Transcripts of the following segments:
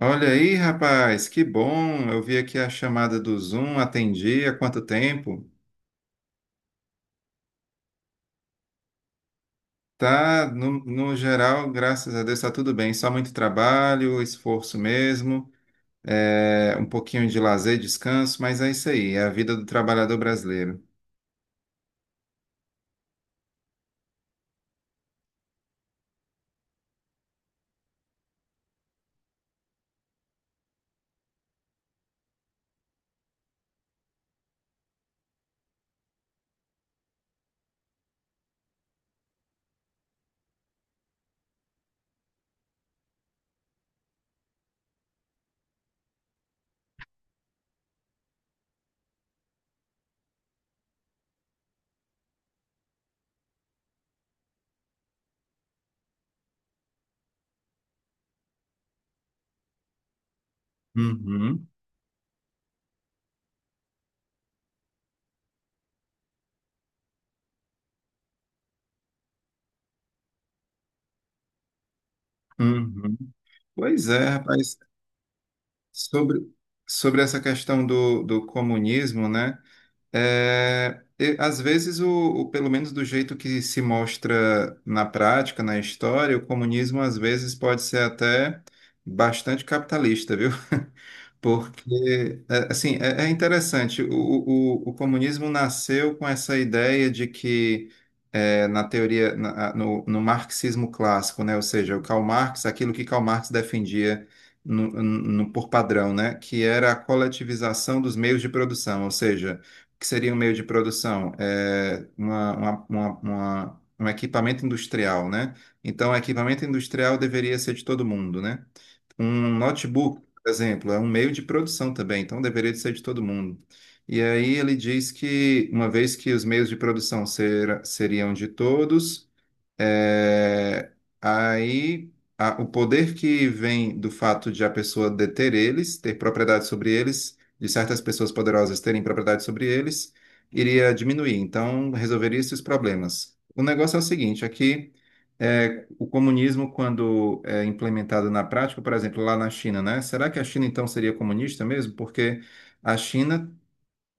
Olha aí, rapaz, que bom. Eu vi aqui a chamada do Zoom, atendi há quanto tempo? Tá, no geral, graças a Deus, tá tudo bem. Só muito trabalho, esforço mesmo, um pouquinho de lazer, descanso, mas é isso aí, é a vida do trabalhador brasileiro. Uhum, uhum. Pois é, rapaz, sobre, sobre essa questão do comunismo, né? Às vezes, pelo menos do jeito que se mostra na prática, na história, o comunismo às vezes pode ser até bastante capitalista, viu? Porque, assim, é interessante, o comunismo nasceu com essa ideia de que, na teoria, no marxismo clássico, né, ou seja, o Karl Marx, aquilo que Karl Marx defendia por padrão, né, que era a coletivização dos meios de produção, ou seja, o que seria um meio de produção? É um equipamento industrial, né? Então, o equipamento industrial deveria ser de todo mundo, né? Um notebook, por exemplo, é um meio de produção também, então deveria de ser de todo mundo. E aí ele diz que, uma vez que os meios de produção seriam de todos, é, aí o poder que vem do fato de a pessoa deter eles, ter propriedade sobre eles, de certas pessoas poderosas terem propriedade sobre eles, iria diminuir. Então, resolveria esses problemas. O negócio é o seguinte, o comunismo, quando é implementado na prática, por exemplo, lá na China, né? Será que a China então seria comunista mesmo? Porque a China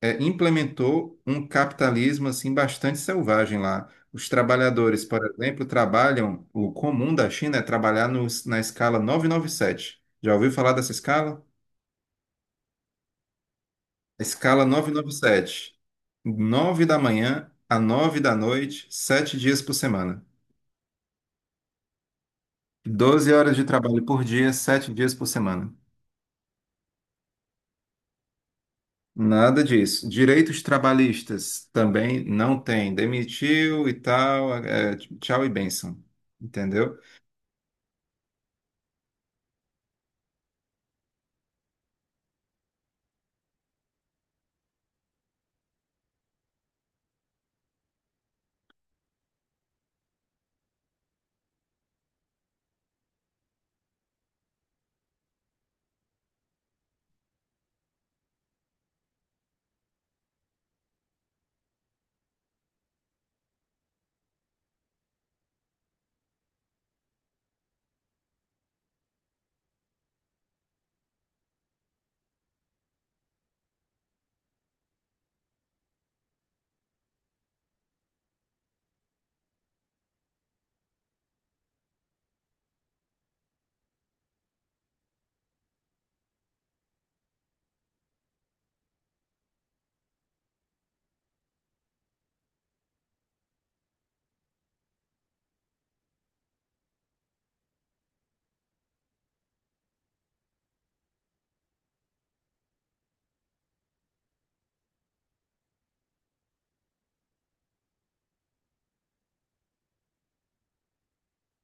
implementou um capitalismo assim bastante selvagem lá. Os trabalhadores, por exemplo, trabalham, o comum da China é trabalhar na escala 997. Já ouviu falar dessa escala? Escala novecentos e noventa e sete. 9 da manhã a 9 da noite, 7 dias por semana. 12 horas de trabalho por dia, 7 dias por semana. Nada disso. Direitos trabalhistas também não tem. Demitiu e tal, é, tchau e bênção. Entendeu?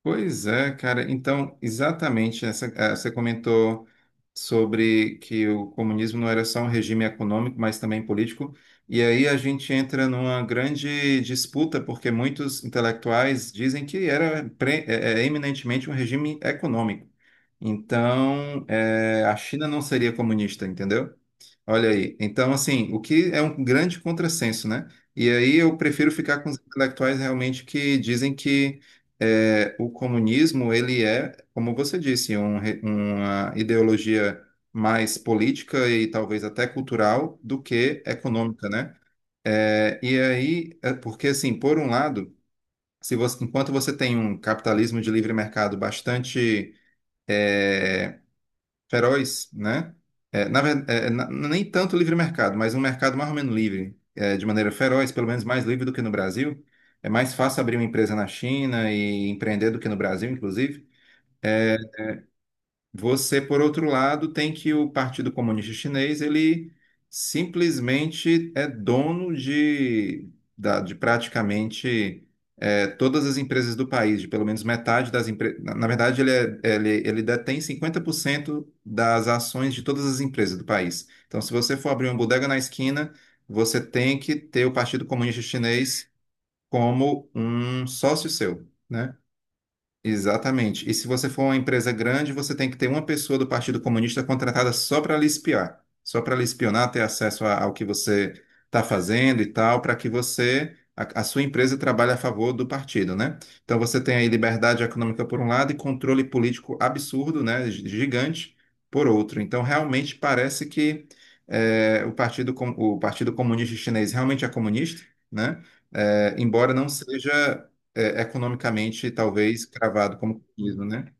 Pois é, cara. Então, exatamente, você comentou sobre que o comunismo não era só um regime econômico, mas também político. E aí a gente entra numa grande disputa, porque muitos intelectuais dizem que era eminentemente um regime econômico. Então, a China não seria comunista, entendeu? Olha aí. Então, assim, o que é um grande contrassenso, né? E aí eu prefiro ficar com os intelectuais realmente que dizem que o comunismo, ele é, como você disse, uma ideologia mais política e talvez até cultural do que econômica, né? É, e aí, é porque assim, por um lado, se você- enquanto você tem um capitalismo de livre mercado bastante é, feroz, né? É, na, ver- é, na- nem tanto livre mercado, mas um mercado mais ou menos livre, é, de maneira feroz, pelo menos mais livre do que no Brasil. É mais fácil abrir uma empresa na China e empreender do que no Brasil, inclusive. Você, por outro lado, tem que o Partido Comunista Chinês, ele simplesmente é dono de praticamente todas as empresas do país, de pelo menos metade das empresas. Na verdade, ele detém 50% das ações de todas as empresas do país. Então, se você for abrir uma bodega na esquina, você tem que ter o Partido Comunista Chinês como um sócio seu, né? Exatamente. E se você for uma empresa grande, você tem que ter uma pessoa do Partido Comunista contratada só para lhe espiar, só para lhe espionar, ter acesso ao que você está fazendo e tal, para que você, a sua empresa trabalhe a favor do partido, né? Então você tem aí liberdade econômica por um lado e controle político absurdo, né, gigante, por outro. Então realmente parece que o Partido Comunista Chinês realmente é comunista, né? Eh, embora não seja economicamente, talvez, cravado como comunismo, né?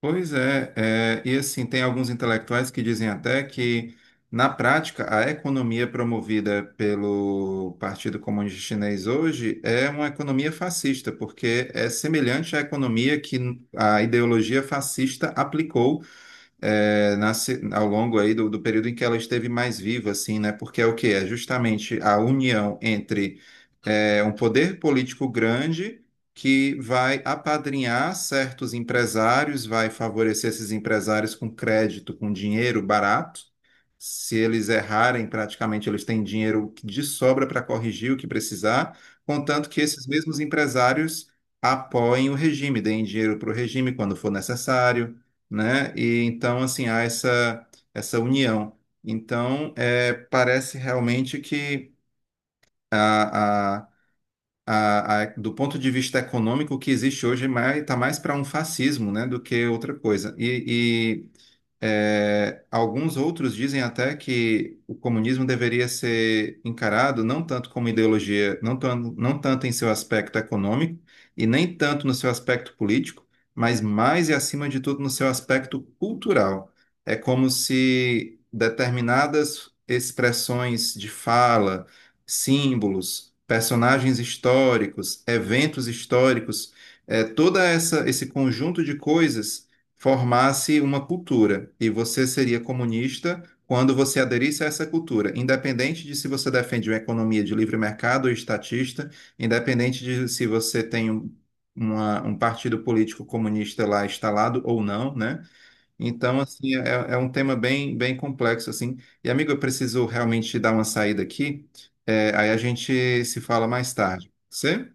Pois é, é, e assim, tem alguns intelectuais que dizem até que, na prática, a economia promovida pelo Partido Comunista Chinês hoje é uma economia fascista, porque é semelhante à economia que a ideologia fascista aplicou nasce ao longo aí do período em que ela esteve mais viva, assim, né? Porque é o que É justamente a união entre um poder político grande que vai apadrinhar certos empresários, vai favorecer esses empresários com crédito, com dinheiro barato. Se eles errarem, praticamente eles têm dinheiro de sobra para corrigir o que precisar, contanto que esses mesmos empresários apoiem o regime, deem dinheiro para o regime quando for necessário né? E então, assim, essa união. Então, é, parece realmente que a, a, do ponto de vista econômico, o que existe hoje tá mais para um fascismo, né, do que outra coisa. E, é, alguns outros dizem até que o comunismo deveria ser encarado não tanto como ideologia, não tanto em seu aspecto econômico e nem tanto no seu aspecto político, mas mais e acima de tudo no seu aspecto cultural. É como se determinadas expressões de fala, símbolos, personagens históricos, eventos históricos, é, toda essa esse conjunto de coisas formasse uma cultura e você seria comunista quando você aderisse a essa cultura, independente de se você defende uma economia de livre mercado ou estatista, independente de se você tem um partido político comunista lá instalado ou não, né? Então, assim, é, é é um tema bem, bem complexo, assim. E, amigo, eu preciso realmente dar uma saída aqui. É, aí a gente se fala mais tarde. Você?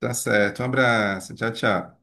Tá certo. Um abraço. Tchau, tchau.